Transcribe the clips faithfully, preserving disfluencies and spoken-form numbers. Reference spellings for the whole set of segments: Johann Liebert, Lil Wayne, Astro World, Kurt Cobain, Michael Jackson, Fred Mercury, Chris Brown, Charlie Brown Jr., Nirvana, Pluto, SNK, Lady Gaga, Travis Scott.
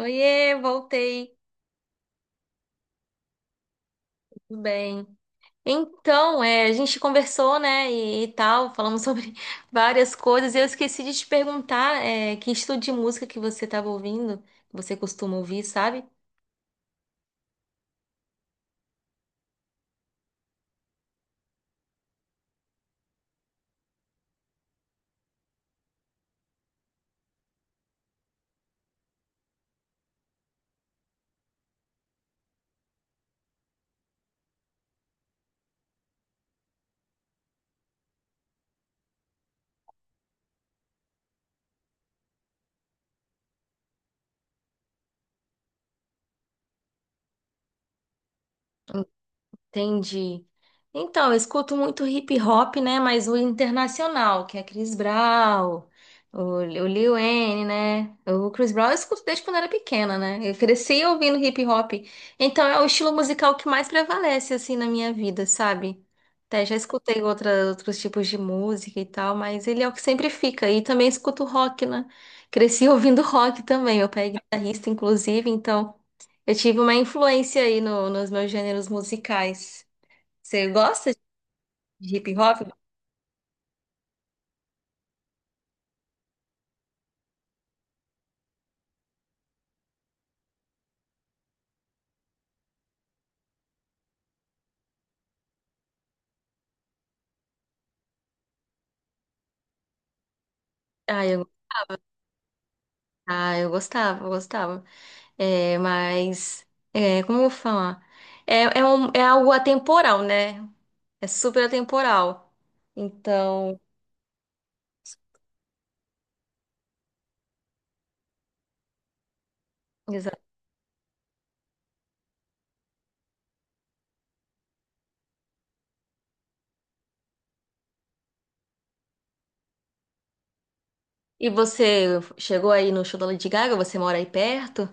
Oiê, voltei, tudo bem? Então, é, a gente conversou, né, e, e tal, falamos sobre várias coisas. E eu esqueci de te perguntar, é, que estilo de música que você estava ouvindo, que você costuma ouvir, sabe? Entendi. Então, eu escuto muito hip hop, né? Mas o internacional, que é Chris Brown, o, o Lil Wayne, né? O Chris Brown eu escuto desde quando era pequena, né? Eu cresci ouvindo hip hop. Então, é o estilo musical que mais prevalece, assim, na minha vida, sabe? Até já escutei outra, outros tipos de música e tal, mas ele é o que sempre fica. E também escuto rock, né? Cresci ouvindo rock também. Meu pai é guitarrista, inclusive, então eu tive uma influência aí no- nos meus gêneros musicais. Você gosta de hip hop? Ah, eu, ah, eu gostava, eu gostava. É, mas, é, como eu vou falar? É, é, um- é algo atemporal, né? É super atemporal. Então, exato. E você chegou aí no show da Lady Gaga? Você mora aí perto?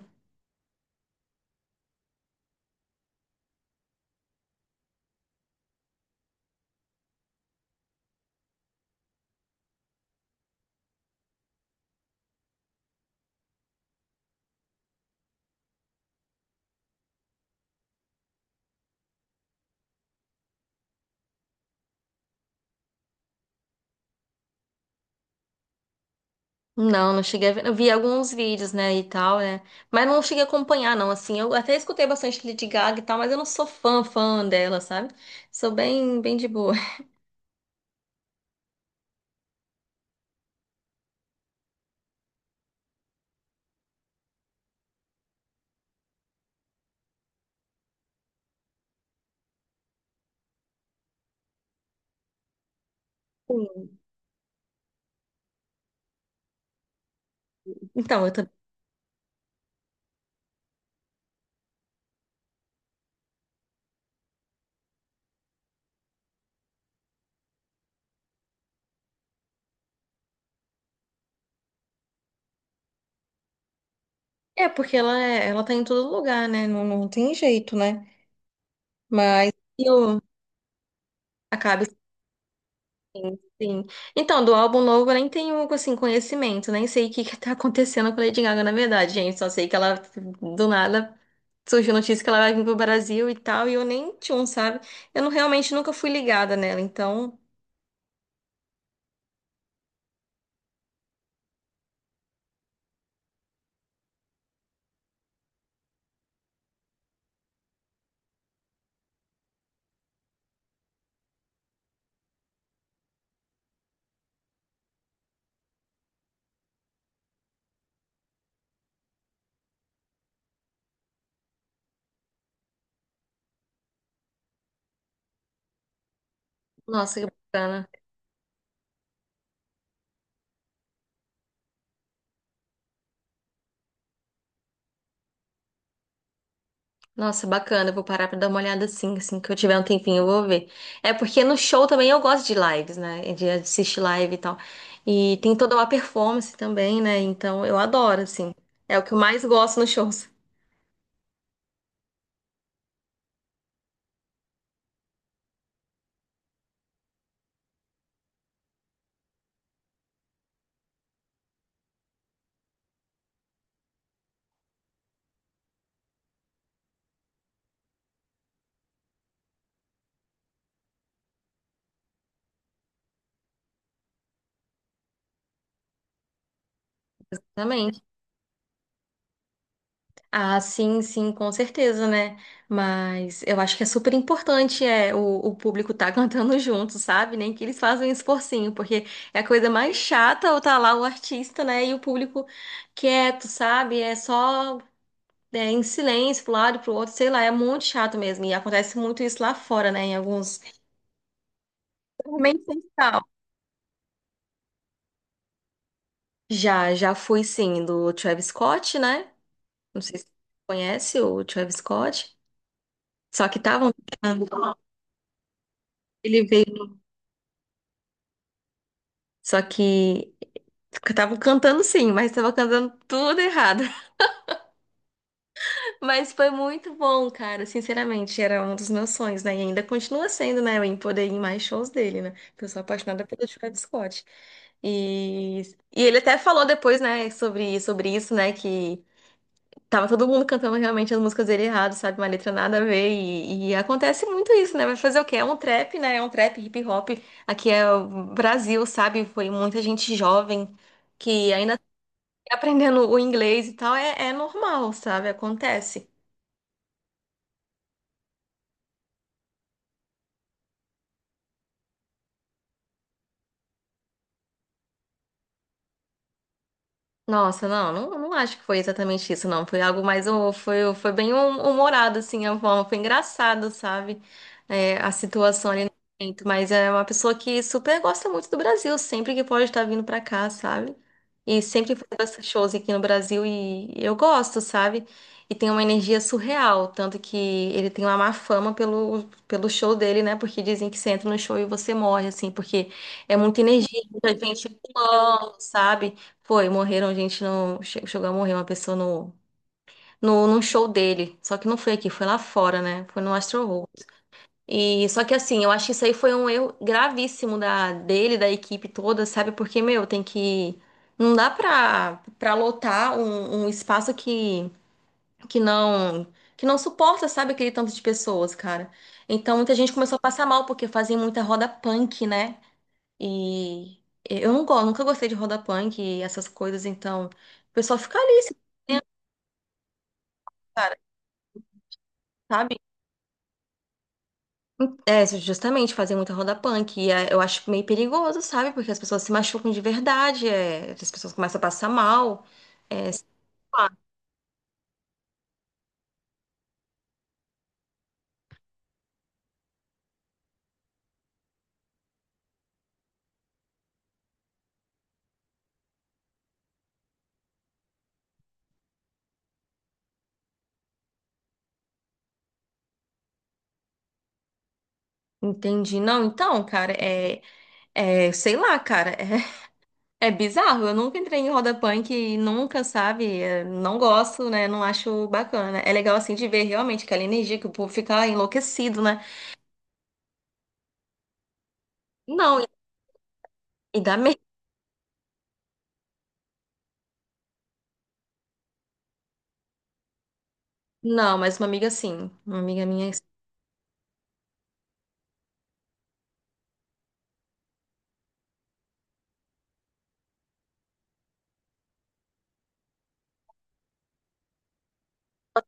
Não, não cheguei a ver. Eu vi alguns vídeos, né, e tal, né? Mas não cheguei a acompanhar, não, assim. Eu até escutei bastante Lady Gaga e tal, mas eu não sou fã, fã dela, sabe? Sou bem, bem de boa. Sim. Então, eu também. É, porque ela, é- ela tá em todo lugar, né? Não, não tem jeito, né? Mas eu acaba assim. Então, do álbum novo eu nem tenho, assim, conhecimento, nem sei o que que tá acontecendo com a Lady Gaga, na verdade, gente. Só sei que ela, do nada, surgiu notícia que ela vai vir pro Brasil e tal, e eu nem tinha um, sabe? Eu não, realmente nunca fui ligada nela, então, nossa, que bacana. Nossa, bacana. Eu vou parar pra dar uma olhada assim, assim que eu tiver um tempinho, eu vou ver. É porque no show também eu gosto de lives, né? De assistir live e tal. E tem toda uma performance também, né? Então eu adoro, assim. É o que eu mais gosto nos shows. Exatamente. Ah, sim, sim, com certeza, né? Mas eu acho que é super importante é, o, o público tá cantando junto, sabe? Nem que eles fazem um esforcinho, porque é a coisa mais chata ou tá lá o artista, né? E o público quieto, sabe? É só. É, em silêncio, pro lado, pro outro, sei lá, é muito chato mesmo. E acontece muito isso lá fora, né? Em alguns. Realmente sem sal. Já, já fui sim, do Travis Scott, né? Não sei se você conhece o Travis Scott. Só que estavam cantando. Ele veio. Só que estavam cantando sim, mas estavam cantando tudo errado. Mas foi muito bom, cara. Sinceramente, era um dos meus sonhos, né? E ainda continua sendo, né? Eu em poder ir em mais shows dele, né? Porque eu sou apaixonada pelo Travis Scott. E, e ele até falou depois, né, sobre, sobre isso, né? Que tava todo mundo cantando realmente as músicas dele errado, sabe? Uma letra nada a ver. E, e acontece muito isso, né? Vai fazer o quê? É um trap, né? É um trap hip hop. Aqui é o Brasil, sabe? Foi muita gente jovem que ainda tá aprendendo o inglês e tal. É, é normal, sabe? Acontece. Nossa, não, não, não acho que foi exatamente isso, não. Foi algo mais, hum, foi, foi bem hum- humorado, assim, a forma. Foi engraçado, sabe? É, a situação ali no momento. Mas é uma pessoa que super gosta muito do Brasil, sempre que pode estar vindo pra cá, sabe? E sempre faz esses shows aqui no Brasil e eu gosto, sabe? E tem uma energia surreal, tanto que ele tem uma má fama pelo, pelo show dele, né? Porque dizem que você entra no show e você morre, assim, porque é muita energia, muita gente pulando, sabe? Foi, morreram, a gente não. che- Chegou a morrer uma pessoa no, no, num show dele. Só que não foi aqui, foi lá fora, né? Foi no Astro World. E só que assim, eu acho que isso aí foi um erro gravíssimo da, dele, da equipe toda, sabe? Porque, meu, tem que. Não dá pra, pra lotar um, um espaço que, que não. Que não suporta, sabe, aquele tanto de pessoas, cara. Então muita gente começou a passar mal, porque fazem muita roda punk, né? E eu não gosto, nunca gostei de roda punk e essas coisas, então o pessoal fica ali, se- cara, sabe? É, justamente fazer muita roda punk. E é, eu acho meio perigoso, sabe? Porque as pessoas se machucam de verdade, é, as pessoas começam a passar mal. Ah, entendi. Não, então, cara, é, é, sei lá, cara, é, é bizarro. Eu nunca entrei em roda punk e nunca, sabe? É, não gosto, né? Não acho bacana. É legal, assim, de ver realmente aquela energia que o povo fica enlouquecido, né? Não, e e dá medo. Não, mas uma amiga sim. Uma amiga minha. Nossa.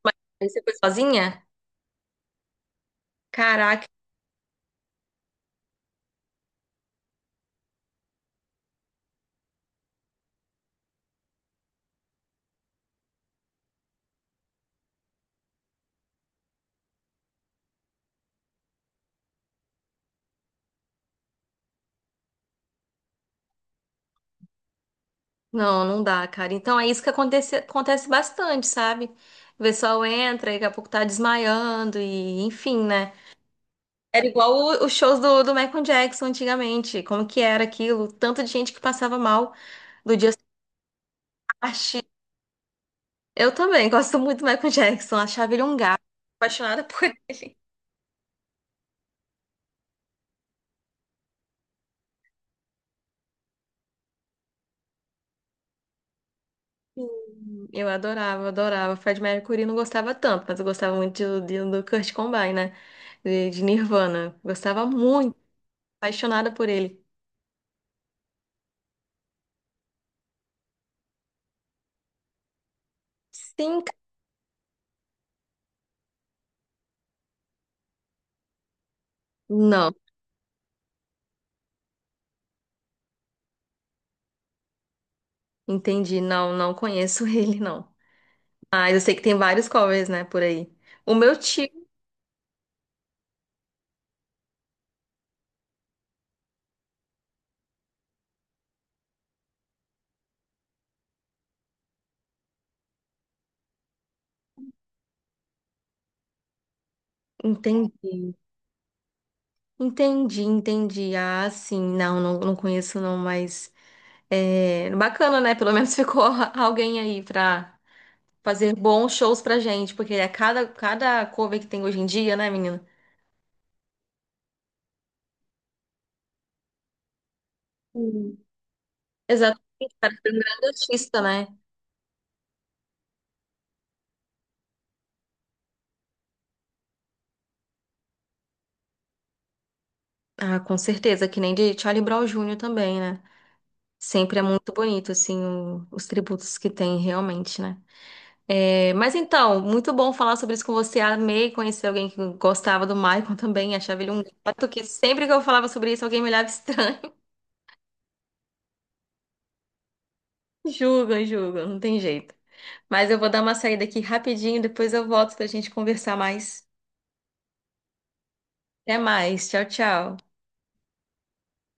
Mas aí você foi sozinha? Caraca. Não, não dá, cara. Então é isso que acontece, acontece bastante, sabe? O pessoal entra e daqui a pouco tá desmaiando e enfim, né? Era igual o- os shows do, do Michael Jackson antigamente. Como que era aquilo? Tanto de gente que passava mal do Just Party. Eu também gosto muito do Michael Jackson. Achava ele um gato. Apaixonada por ele. Sim, eu adorava, adorava. Fred Mercury não gostava tanto, mas eu gostava muito de, de- do Kurt Cobain, né? De, de Nirvana. Gostava muito, apaixonada por ele. Sim, ca- não, entendi. Não, não conheço ele, não. Mas eu sei que tem vários covers, né, por aí. O meu tio, entendi, entendi, entendi. Ah, sim, não, não, não conheço, não, mas é bacana, né? Pelo menos ficou alguém aí pra. Fazer bons shows pra gente, porque é cada, cada cover que tem hoje em dia, né, menina? Sim. Exatamente, cara, foi um grande artista, né? Ah, com certeza, que nem de Charlie Brown júnior também, né? Sempre é muito bonito, assim, o- os tributos que tem, realmente, né? É, mas então, muito bom falar sobre isso com você. Amei conhecer alguém que gostava do Michael também, achava ele um gato que sempre que eu falava sobre isso, alguém me olhava estranho. Julga, julga, não tem jeito. Mas eu vou dar uma saída aqui rapidinho, depois eu volto pra gente conversar mais. Até mais. Tchau, tchau.